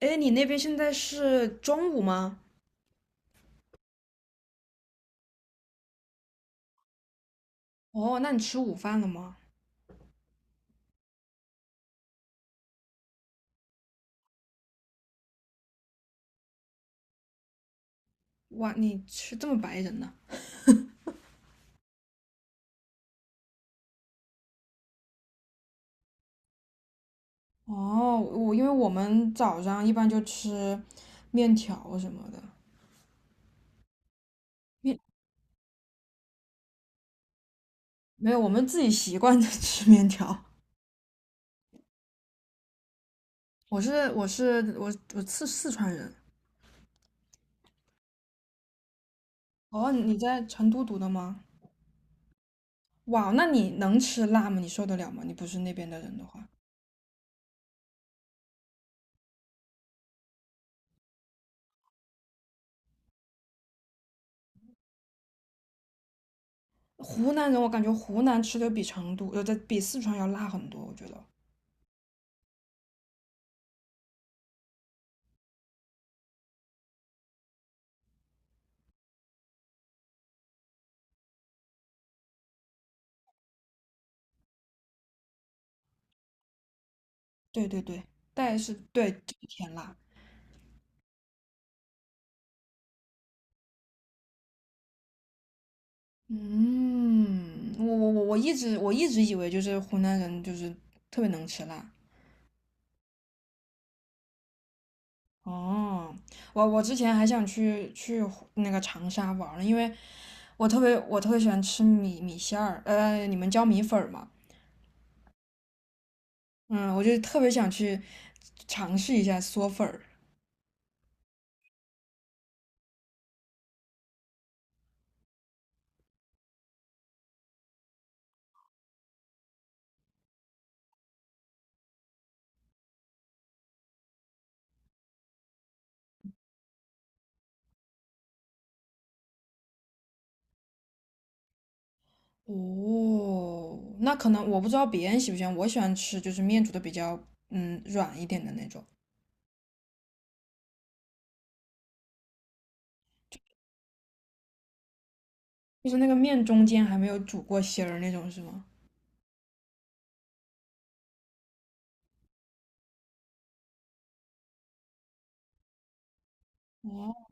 哎，你那边现在是中午吗？哦，那你吃午饭了吗？哇，你吃这么白人呢？哦，我因为我们早上一般就吃面条什么的。面，没有，我们自己习惯的 吃面条。我是我是四川人。哦，你在成都读的吗？哇，那你能吃辣吗？你受得了吗？你不是那边的人的话，湖南人我感觉湖南吃的比成都，在比四川要辣很多，我觉得。对对对，但是对，就是甜辣。嗯，我一直以为就是湖南人就是特别能吃辣。哦，我之前还想去湖那个长沙玩儿呢，因为我特别我特别喜欢吃米线儿，呃，你们叫米粉儿嘛。嗯，我就特别想去尝试一下嗦粉儿。哦，那可能我不知道别人喜不喜欢，我喜欢吃就是面煮的比较软一点的那种。就是那个面中间还没有煮过芯儿那种是吗？哦，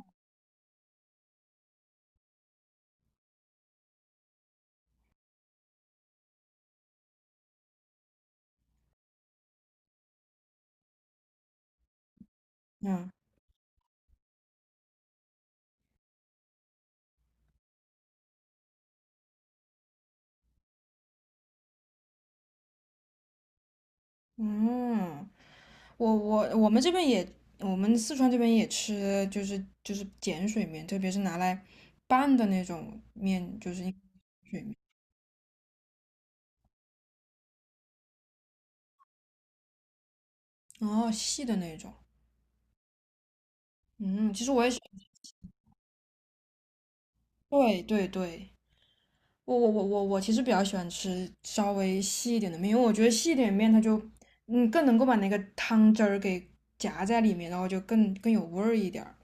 嗯。嗯，我我们这边也，我们四川这边也吃，就是碱水面，特别是拿来拌的那种面，就是碱水面。哦，细的那种。嗯，其实我也喜，对对对，我其实比较喜欢吃稍微细一点的面，因为我觉得细一点的面它就，嗯，更能够把那个汤汁儿给夹在里面，然后就更有味儿一点儿。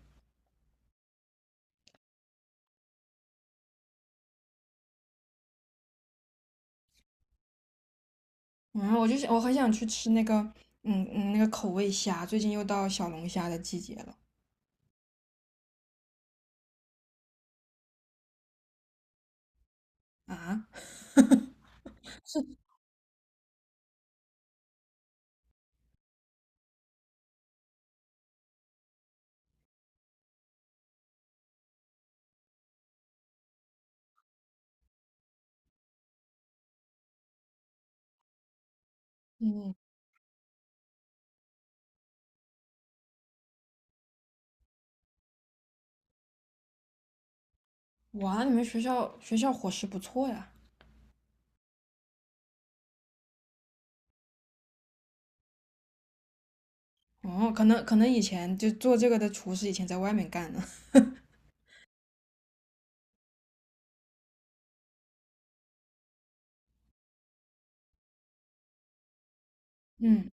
嗯，我就想，我很想去吃那个，嗯嗯，那个口味虾，最近又到小龙虾的季节了。啊，嗯，哇，你们学校伙食不错呀。哦，可能可能以前就做这个的厨师以前在外面干呢。嗯，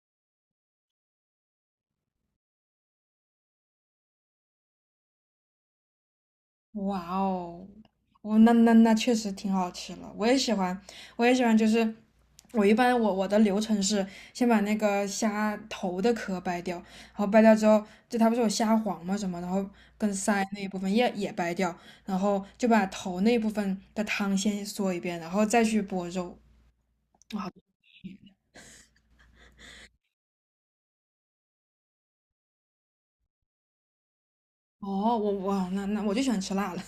哇哦，哦，那那那确实挺好吃了，我也喜欢，我也喜欢，就是我一般我的流程是先把那个虾头的壳掰掉，然后掰掉之后，就它不是有虾黄嘛什么，然后跟鳃那一部分也也掰掉，然后就把头那部分的汤先嗦一遍，然后再去剥肉。哦，我那那我就喜欢吃辣了。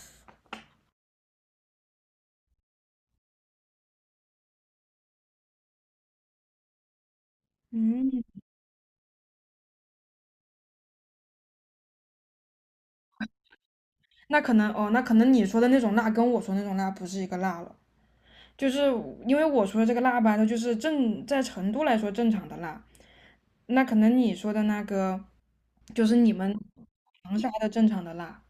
嗯，那可能哦，那可能你说的那种辣跟我说的那种辣不是一个辣了，就是因为我说的这个辣吧，它就是正在成都来说正常的辣，那可能你说的那个就是你们长沙的正常的辣。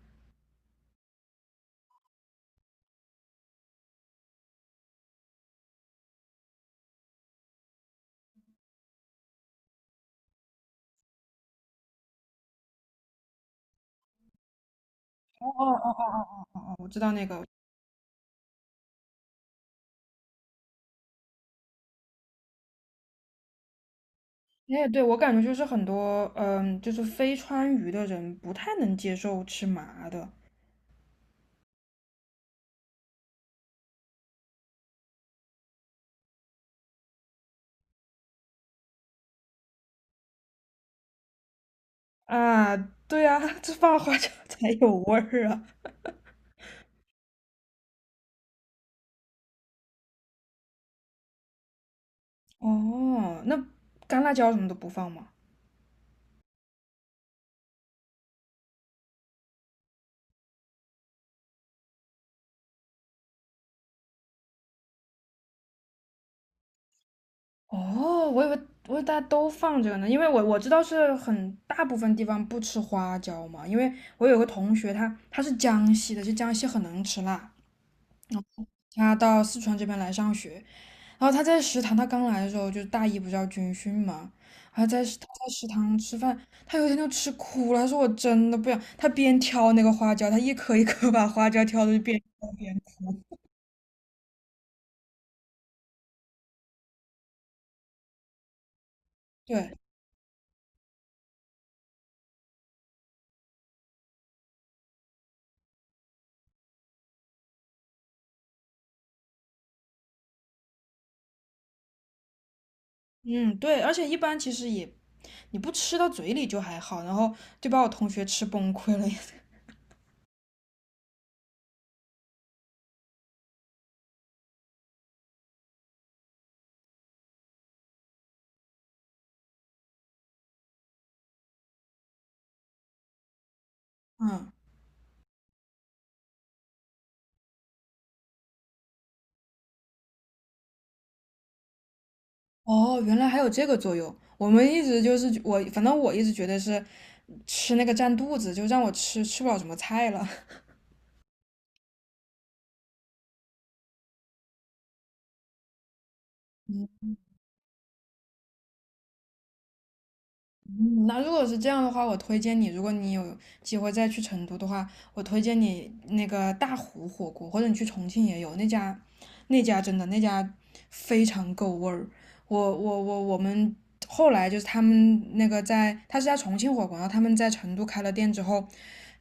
哦哦哦哦哦哦，哦，我知道那个。哎，对，我感觉就是很多嗯，就是非川渝的人不太能接受吃麻的啊。对啊，这放花椒才有味儿啊。哦，那干辣椒什么都不放吗？哦，我以为大家都放这个呢，因为我我知道是很大部分地方不吃花椒嘛，因为我有个同学他是江西的，就江西很能吃辣。他到四川这边来上学，然后他在食堂，他刚来的时候就是大一不是要军训嘛，然后他在食堂吃饭，他有一天就吃哭了，他说我真的不想，他边挑那个花椒，他一颗一颗把花椒挑的就边挑边哭。对，嗯，对，而且一般其实也你不吃到嘴里就还好，然后就把我同学吃崩溃了。嗯，哦，原来还有这个作用。我们一直就是我，反正我一直觉得是吃那个占肚子，就让我吃吃不了什么菜了。那如果是这样的话，我推荐你，如果你有机会再去成都的话，我推荐你那个大湖火锅，或者你去重庆也有那家，那家真的那家非常够味儿。我们后来就是他们那个在，他是在重庆火锅，然后他们在成都开了店之后，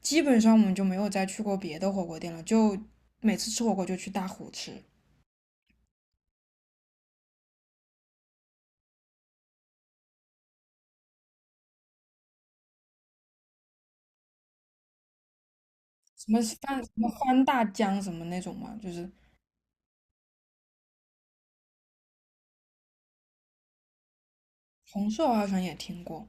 基本上我们就没有再去过别的火锅店了，就每次吃火锅就去大湖吃。什么饭，什么欢大江什么那种嘛，就是红烧好像也听过。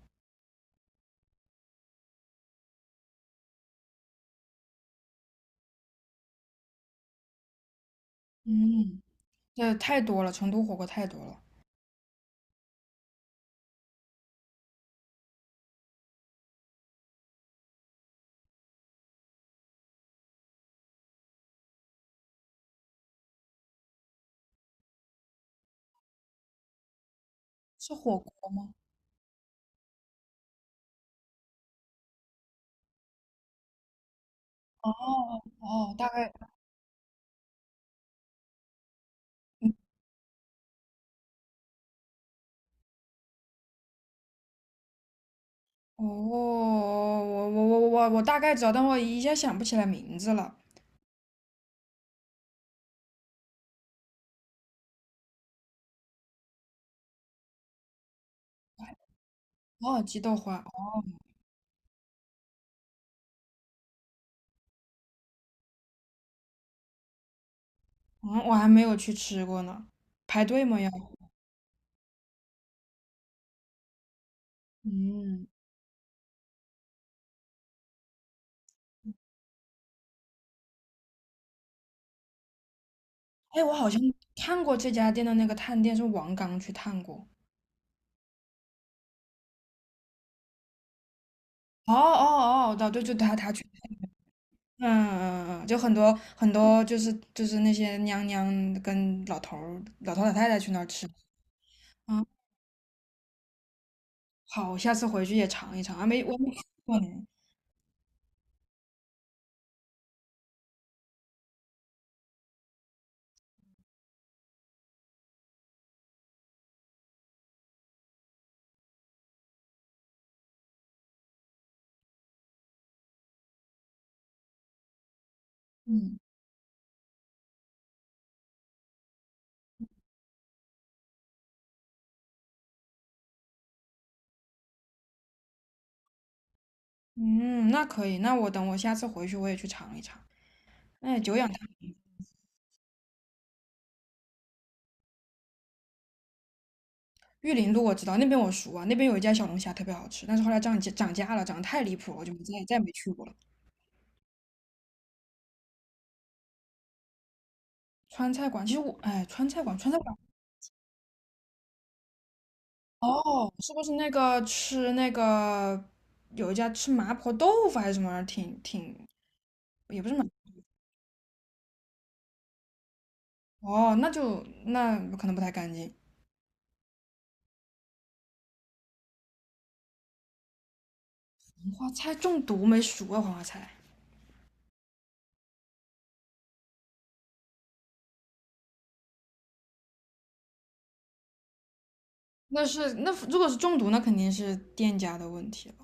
嗯。这太多了，成都火锅太多了。是火锅吗？哦哦，大概，嗯，哦，我大概知道，但我一下想不起来名字了。哦，鸡豆花，哦，嗯，我还没有去吃过呢。排队吗要？嗯，哎，我好像看过这家店的那个探店，是王刚去探过。哦哦哦，对对，就他去，嗯嗯嗯，嗯，就很多很多，就是那些娘娘跟老头儿、老头老太太去那儿吃。嗯，好，我下次回去也尝一尝啊，没我没吃过呢。嗯嗯，那可以，那我等我下次回去我也去尝一尝。哎，久仰大名。玉林路我知道，那边我熟啊，那边有一家小龙虾特别好吃，但是后来涨价了，涨得太离谱了，我就没再再也没去过了。川菜馆，其实我哎，川菜馆，川菜馆，哦，是不是那个吃那个有一家吃麻婆豆腐还是什么玩意儿挺挺也不是麻，哦，那就那可能不太干净。黄花菜中毒没熟啊，黄花菜。那是那如果是中毒，那肯定是店家的问题了。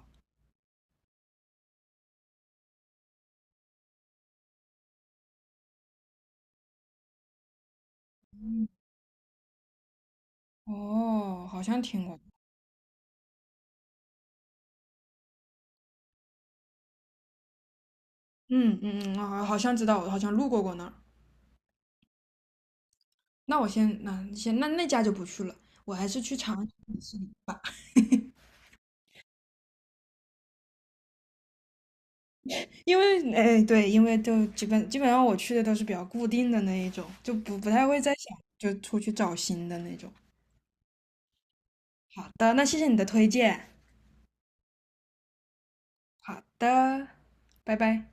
哦，好像听过，嗯嗯嗯，啊，好像知道，我好像路过过那儿。那我先，那先那那家就不去了，我还是去尝，因为哎对，因为就基本上我去的都是比较固定的那一种，就不太会再想就出去找新的那种。好的，那谢谢你的推荐。好的，拜拜。